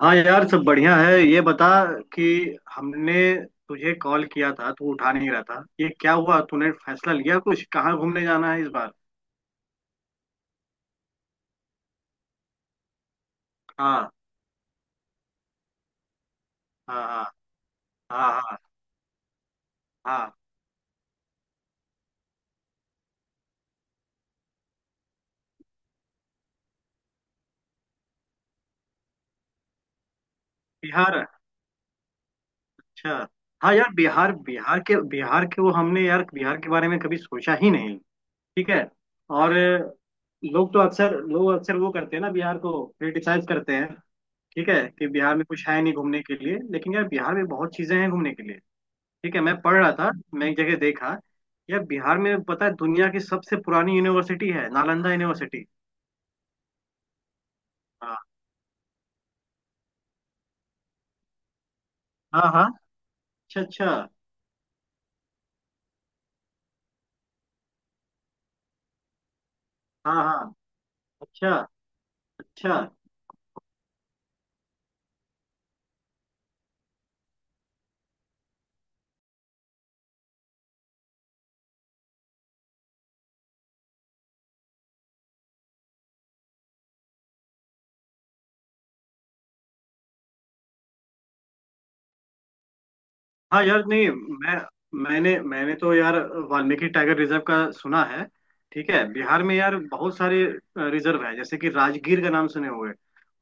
हाँ यार, सब बढ़िया है। ये बता कि हमने तुझे कॉल किया था, तू उठा नहीं रहा था। ये क्या हुआ? तूने फैसला लिया कुछ, कहाँ घूमने जाना है इस बार? हाँ, हाँ, हाँ, हाँ, हाँ, हाँ। बिहार? अच्छा। हाँ यार, बिहार बिहार के वो, हमने यार बिहार के बारे में कभी सोचा ही नहीं। ठीक है। और लोग अक्सर वो करते हैं ना, बिहार को क्रिटिसाइज करते हैं। ठीक है कि बिहार में कुछ है नहीं घूमने के लिए, लेकिन यार बिहार में बहुत चीजें हैं घूमने के लिए। ठीक है। मैं पढ़ रहा था, मैं एक जगह देखा। यह बिहार में, पता है, दुनिया की सबसे पुरानी यूनिवर्सिटी है, नालंदा यूनिवर्सिटी। हाँ, हाँ, हाँ। अच्छा, अच्छा। हाँ, हाँ। अच्छा, अच्छा। हाँ यार, नहीं, मैंने तो यार वाल्मीकि टाइगर रिजर्व का सुना है। ठीक है, बिहार में यार बहुत सारे रिजर्व है, जैसे कि राजगीर का नाम सुने होंगे।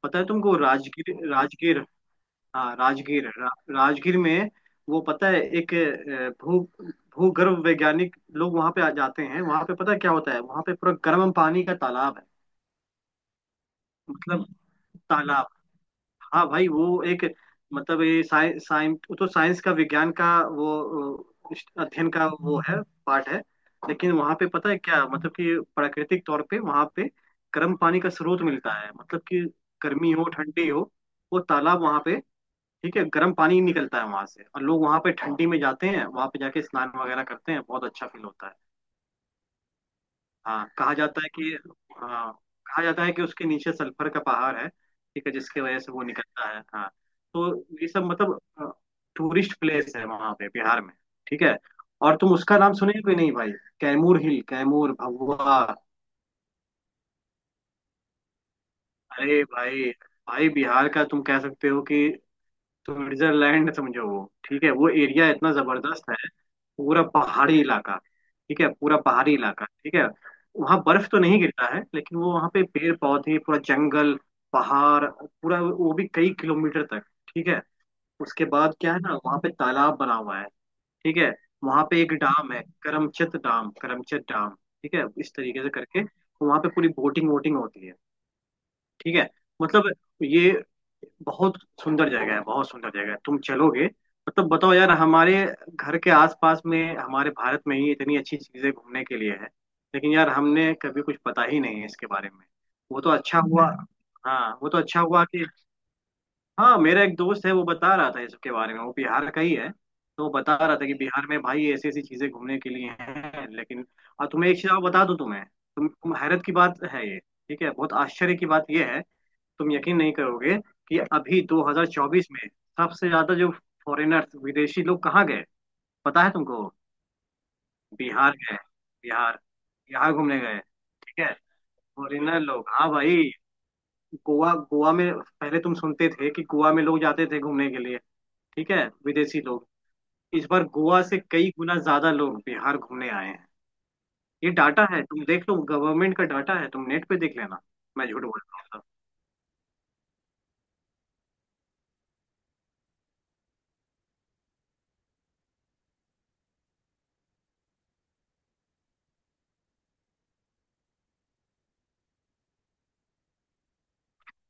पता है तुमको? राजगीर, राजगीर। हाँ, राजगीर है। राजगीर में वो, पता है, एक भू भूगर्भ वैज्ञानिक लोग वहां पे आ जाते हैं। वहां पे पता है क्या होता है? वहां पे पूरा गर्म पानी का तालाब है। मतलब, तालाब। हाँ भाई, वो एक, मतलब ये साइंस, वो तो साइंस का, विज्ञान का वो अ, अध्ययन का वो है, पार्ट है। लेकिन वहां पे पता है क्या, मतलब कि प्राकृतिक तौर पे वहां पे गर्म पानी का स्रोत मिलता है, मतलब कि गर्मी हो, ठंडी हो, वो तालाब वहां पे, ठीक है, गर्म पानी ही निकलता है वहां से। और लोग वहां पे ठंडी में जाते हैं, वहां पे जाके स्नान वगैरह करते हैं, बहुत अच्छा फील होता है। हाँ, कहा जाता है कि, हाँ, कहा जाता है कि उसके नीचे सल्फर का पहाड़ है, ठीक है, जिसकी वजह से वो निकलता है। हाँ। तो ये सब मतलब टूरिस्ट प्लेस है वहां पे, बिहार में। ठीक है। और तुम उसका नाम सुने भी नहीं भाई? कैमूर हिल, कैमूर, भभुआ। अरे भाई, भाई बिहार का तुम कह सकते हो कि स्विट्जरलैंड समझो वो, ठीक है, वो एरिया इतना जबरदस्त है। पूरा पहाड़ी इलाका। ठीक है। पूरा पहाड़ी इलाका। ठीक है। वहाँ बर्फ तो नहीं गिरता है, लेकिन वो वहाँ पे पेड़ पौधे पूरा जंगल, पहाड़ पूरा, वो भी कई किलोमीटर तक। ठीक है। उसके बाद क्या है ना, वहाँ पे तालाब बना हुआ है। ठीक है। वहाँ पे एक डाम है, करमचत डाम, करमचत डाम। ठीक है, इस तरीके से करके वहाँ पे पूरी बोटिंग वोटिंग होती है। ठीक है, मतलब ये बहुत सुंदर जगह है, बहुत सुंदर जगह है। तुम चलोगे? मतलब बताओ यार, हमारे घर के आसपास में, हमारे भारत में ही इतनी अच्छी चीजें घूमने के लिए है, लेकिन यार हमने कभी कुछ पता ही नहीं है इसके बारे में। वो तो अच्छा हुआ। हाँ, वो तो अच्छा हुआ कि, हाँ, मेरा एक दोस्त है, वो बता रहा था इसके बारे में, वो बिहार का ही है। तो वो बता रहा था कि बिहार में भाई ऐसी ऐसी चीजें घूमने के लिए हैं, लेकिन। और तुम्हें एक चीज और बता दूं, तुम्हें तुम हैरत की बात है ये, ठीक है, बहुत आश्चर्य की बात ये है। तुम यकीन नहीं करोगे कि अभी 2024 में सबसे ज्यादा जो फॉरेनर्स, विदेशी लोग कहाँ गए? पता है तुमको? बिहार गए। बिहार, बिहार घूमने गए। ठीक है। फॉरेनर लोग, हाँ भाई। गोवा, गोवा में पहले तुम सुनते थे कि गोवा में लोग जाते थे घूमने के लिए, ठीक है, विदेशी लोग। इस बार गोवा से कई गुना ज्यादा लोग बिहार घूमने आए हैं। ये डाटा है, तुम देख लो। गवर्नमेंट का डाटा है, तुम नेट पे देख लेना। मैं झूठ बोल रहा हूँ?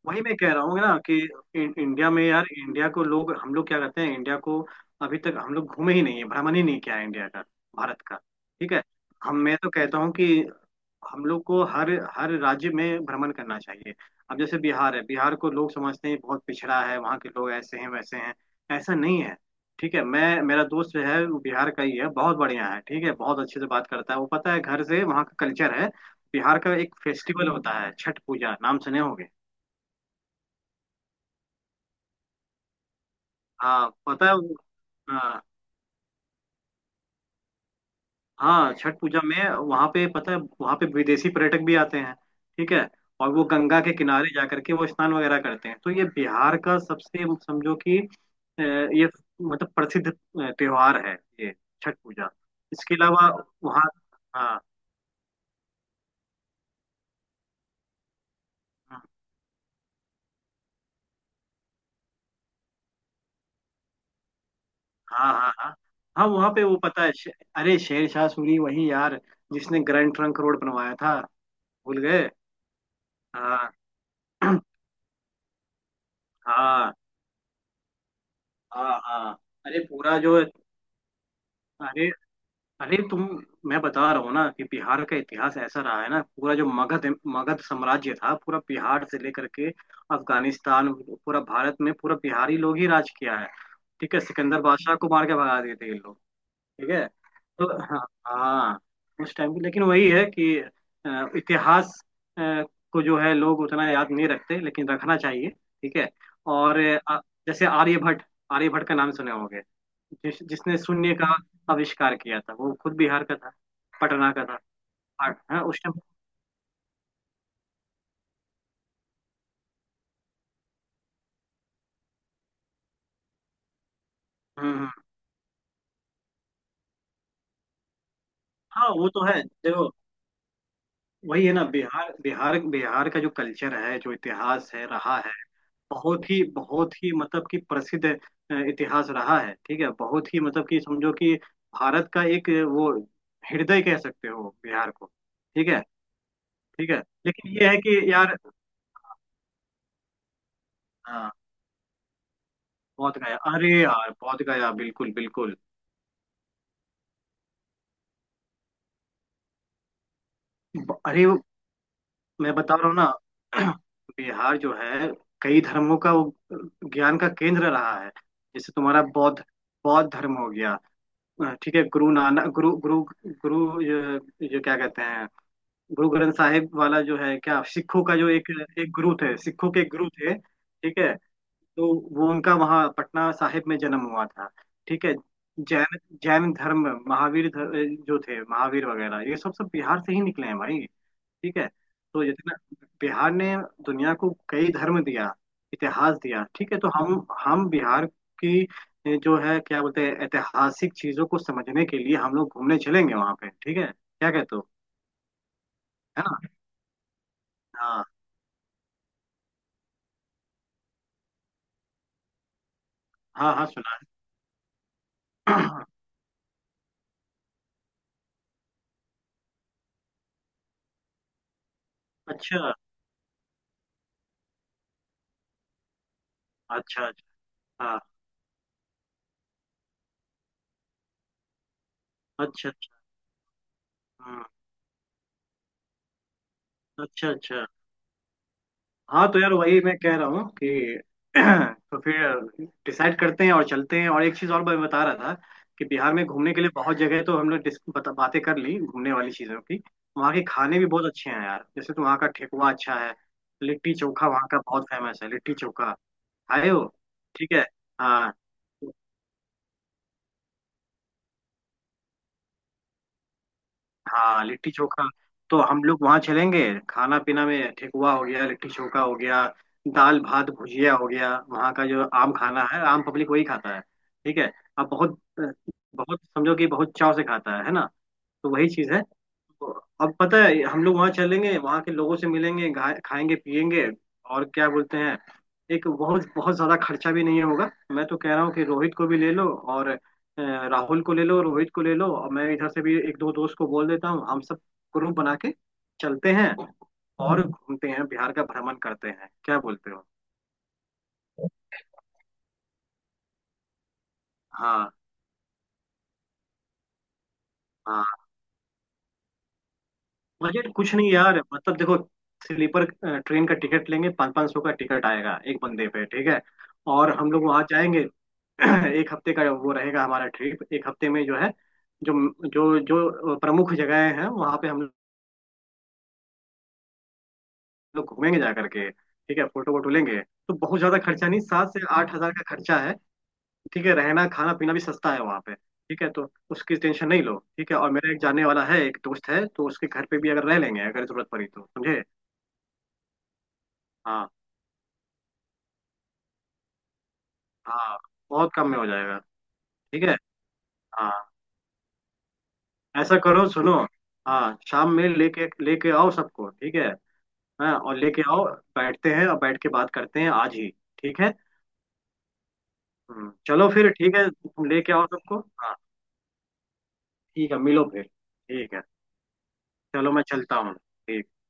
वही मैं कह रहा हूँ ना कि इंडिया में यार, इंडिया को लोग, हम लोग क्या करते हैं इंडिया को? अभी तक हम लोग घूमे ही नहीं है, भ्रमण ही नहीं किया है इंडिया का, भारत का। ठीक है। हम मैं तो कहता हूँ कि हम लोग को हर हर राज्य में भ्रमण करना चाहिए। अब जैसे बिहार है, बिहार को लोग समझते हैं बहुत पिछड़ा है, वहाँ के लोग ऐसे हैं वैसे हैं। ऐसा नहीं है। ठीक है। मैं मेरा दोस्त जो है, वो बिहार का ही है, बहुत बढ़िया है। ठीक है, बहुत अच्छे से बात करता है वो, पता है, घर से वहाँ का कल्चर है। बिहार का एक फेस्टिवल होता है छठ पूजा, नाम सुने होंगे। हाँ, पता है। हाँ, हाँ। छठ पूजा में वहाँ पे, पता है, वहाँ पे विदेशी पर्यटक भी आते हैं। ठीक है। और वो गंगा के किनारे जा करके वो स्नान वगैरह करते हैं, तो ये बिहार का सबसे, समझो कि ये, मतलब प्रसिद्ध त्योहार है ये, छठ पूजा। इसके अलावा वहाँ, हाँ, हाँ, हाँ, हाँ, हाँ। वहाँ पे वो, पता है, अरे शेर शाह सूरी, वही यार जिसने ग्रैंड ट्रंक रोड बनवाया था, भूल गए? हाँ। हाँ, हाँ, हाँ। अरे पूरा जो, अरे, अरे तुम, मैं बता रहा हूँ ना कि बिहार का इतिहास ऐसा रहा है ना, पूरा जो मगध, मगध साम्राज्य था, पूरा बिहार से लेकर के अफगानिस्तान, पूरा भारत में पूरा बिहारी लोग ही राज किया है। ठीक है, सिकंदर बादशाह को मार के भगा दिए थे ये लोग। ठीक है। तो हाँ, हाँ, उस टाइम की। लेकिन वही है कि इतिहास अ, को जो है, लोग उतना याद नहीं रखते, लेकिन रखना चाहिए। ठीक है। और जैसे आर्यभट्ट, आर्यभट्ट का नाम सुने होंगे, जिसने शून्य का आविष्कार किया था, वो खुद बिहार का था, पटना का था। हाँ, उस टाइम। हम्म, हाँ, वो तो है देखो। वही है ना, बिहार, बिहार, बिहार का जो कल्चर है, जो इतिहास है रहा, बहुत ही, बहुत ही, मतलब कि प्रसिद्ध इतिहास रहा है। ठीक है, बहुत ही, मतलब कि समझो कि भारत का एक वो, हृदय कह सकते हो बिहार को। ठीक है। ठीक है, लेकिन ये है कि यार, हाँ, पहुंच गया। अरे यार, पहुंच गया, बिल्कुल, बिल्कुल। अरे मैं बता रहा हूँ ना। बिहार जो है, कई धर्मों का वो, ज्ञान का केंद्र रहा है। जैसे तुम्हारा बौद्ध, बौद्ध धर्म हो गया, ठीक है। गुरु नानक, गुरु, गुरु, गुरु, ये क्या कहते हैं, गुरु ग्रंथ साहिब वाला जो है, क्या, सिखों का जो एक एक गुरु थे, सिखों के एक गुरु थे। ठीक है। तो वो उनका वहाँ पटना साहिब में जन्म हुआ था। ठीक है। जैन, जैन धर्म, महावीर धर्म जो थे, महावीर वगैरह, ये सब सब बिहार से ही निकले हैं भाई। ठीक है। तो जितना बिहार ने दुनिया को कई धर्म दिया, इतिहास दिया, ठीक है, तो हम बिहार की जो है, क्या बोलते हैं, ऐतिहासिक चीजों को समझने के लिए हम लोग घूमने चलेंगे वहां पे। ठीक है, क्या कहते हो? है ना? हाँ, हाँ, हाँ। अच्छा, अच्छा, अच्छा। हाँ, अच्छा, अच्छा। हाँ, अच्छा, अच्छा। हाँ, तो यार वही मैं कह रहा हूँ कि तो फिर डिसाइड करते हैं और चलते हैं, और एक चीज़ और मैं बता रहा था कि बिहार में घूमने के लिए बहुत जगह है, तो हम लोग बातें कर ली घूमने वाली चीज़ों की। वहाँ के खाने भी बहुत अच्छे हैं यार, जैसे तो वहाँ का ठेकुआ अच्छा है, लिट्टी चोखा वहाँ का बहुत फेमस है। लिट्टी चोखा खाए हो? ठीक है। हाँ, हाँ, लिट्टी चोखा। तो हम लोग वहाँ चलेंगे, खाना पीना में ठेकुआ हो गया, लिट्टी चोखा हो गया, दाल भात भुजिया हो गया, वहाँ का जो आम खाना है, आम पब्लिक वही खाता है। ठीक है। अब बहुत बहुत समझो कि बहुत चाव से खाता है ना। तो वही चीज़ है। अब पता है हम लोग वहां चलेंगे, वहां के लोगों से मिलेंगे, खाएंगे, पिएंगे, और क्या बोलते हैं, एक बहुत बहुत ज्यादा खर्चा भी नहीं होगा। मैं तो कह रहा हूँ कि रोहित को भी ले लो, और राहुल को ले लो, रोहित को ले लो, और मैं इधर से भी एक दो दोस्त को बोल देता हूँ। हम सब ग्रुप बना के चलते हैं और घूमते हैं, बिहार का भ्रमण करते हैं, क्या बोलते हो? हाँ, हाँ। बजट कुछ नहीं यार, मतलब देखो, स्लीपर ट्रेन का टिकट लेंगे, 500-500 का टिकट आएगा एक बंदे पे। ठीक है, और हम लोग वहां जाएंगे। एक हफ्ते का वो रहेगा हमारा ट्रिप, एक हफ्ते में जो है, जो जो जो प्रमुख जगहें हैं वहाँ पे, हम लोग घूमेंगे जा करके, ठीक है, फोटो वोटो लेंगे। तो बहुत ज्यादा खर्चा नहीं, 7 से 8 हजार का खर्चा है। ठीक है, रहना खाना पीना भी सस्ता है वहाँ पे। ठीक है, तो उसकी टेंशन नहीं लो। ठीक है, और मेरा एक जानने वाला है, एक दोस्त है, तो उसके घर पे भी अगर रह लेंगे, अगर जरूरत पड़ी तो, समझे? हाँ, हाँ, बहुत कम में हो जाएगा। ठीक है। हाँ, ऐसा करो, सुनो, हाँ, शाम में लेके लेके आओ सबको। ठीक है। हाँ, और लेके आओ, बैठते हैं और बैठ के बात करते हैं आज ही। ठीक है। चलो फिर, ठीक है, तुम लेके आओ सबको। हाँ। ठीक है, मिलो फिर। ठीक है। चलो, मैं चलता हूँ। ठीक।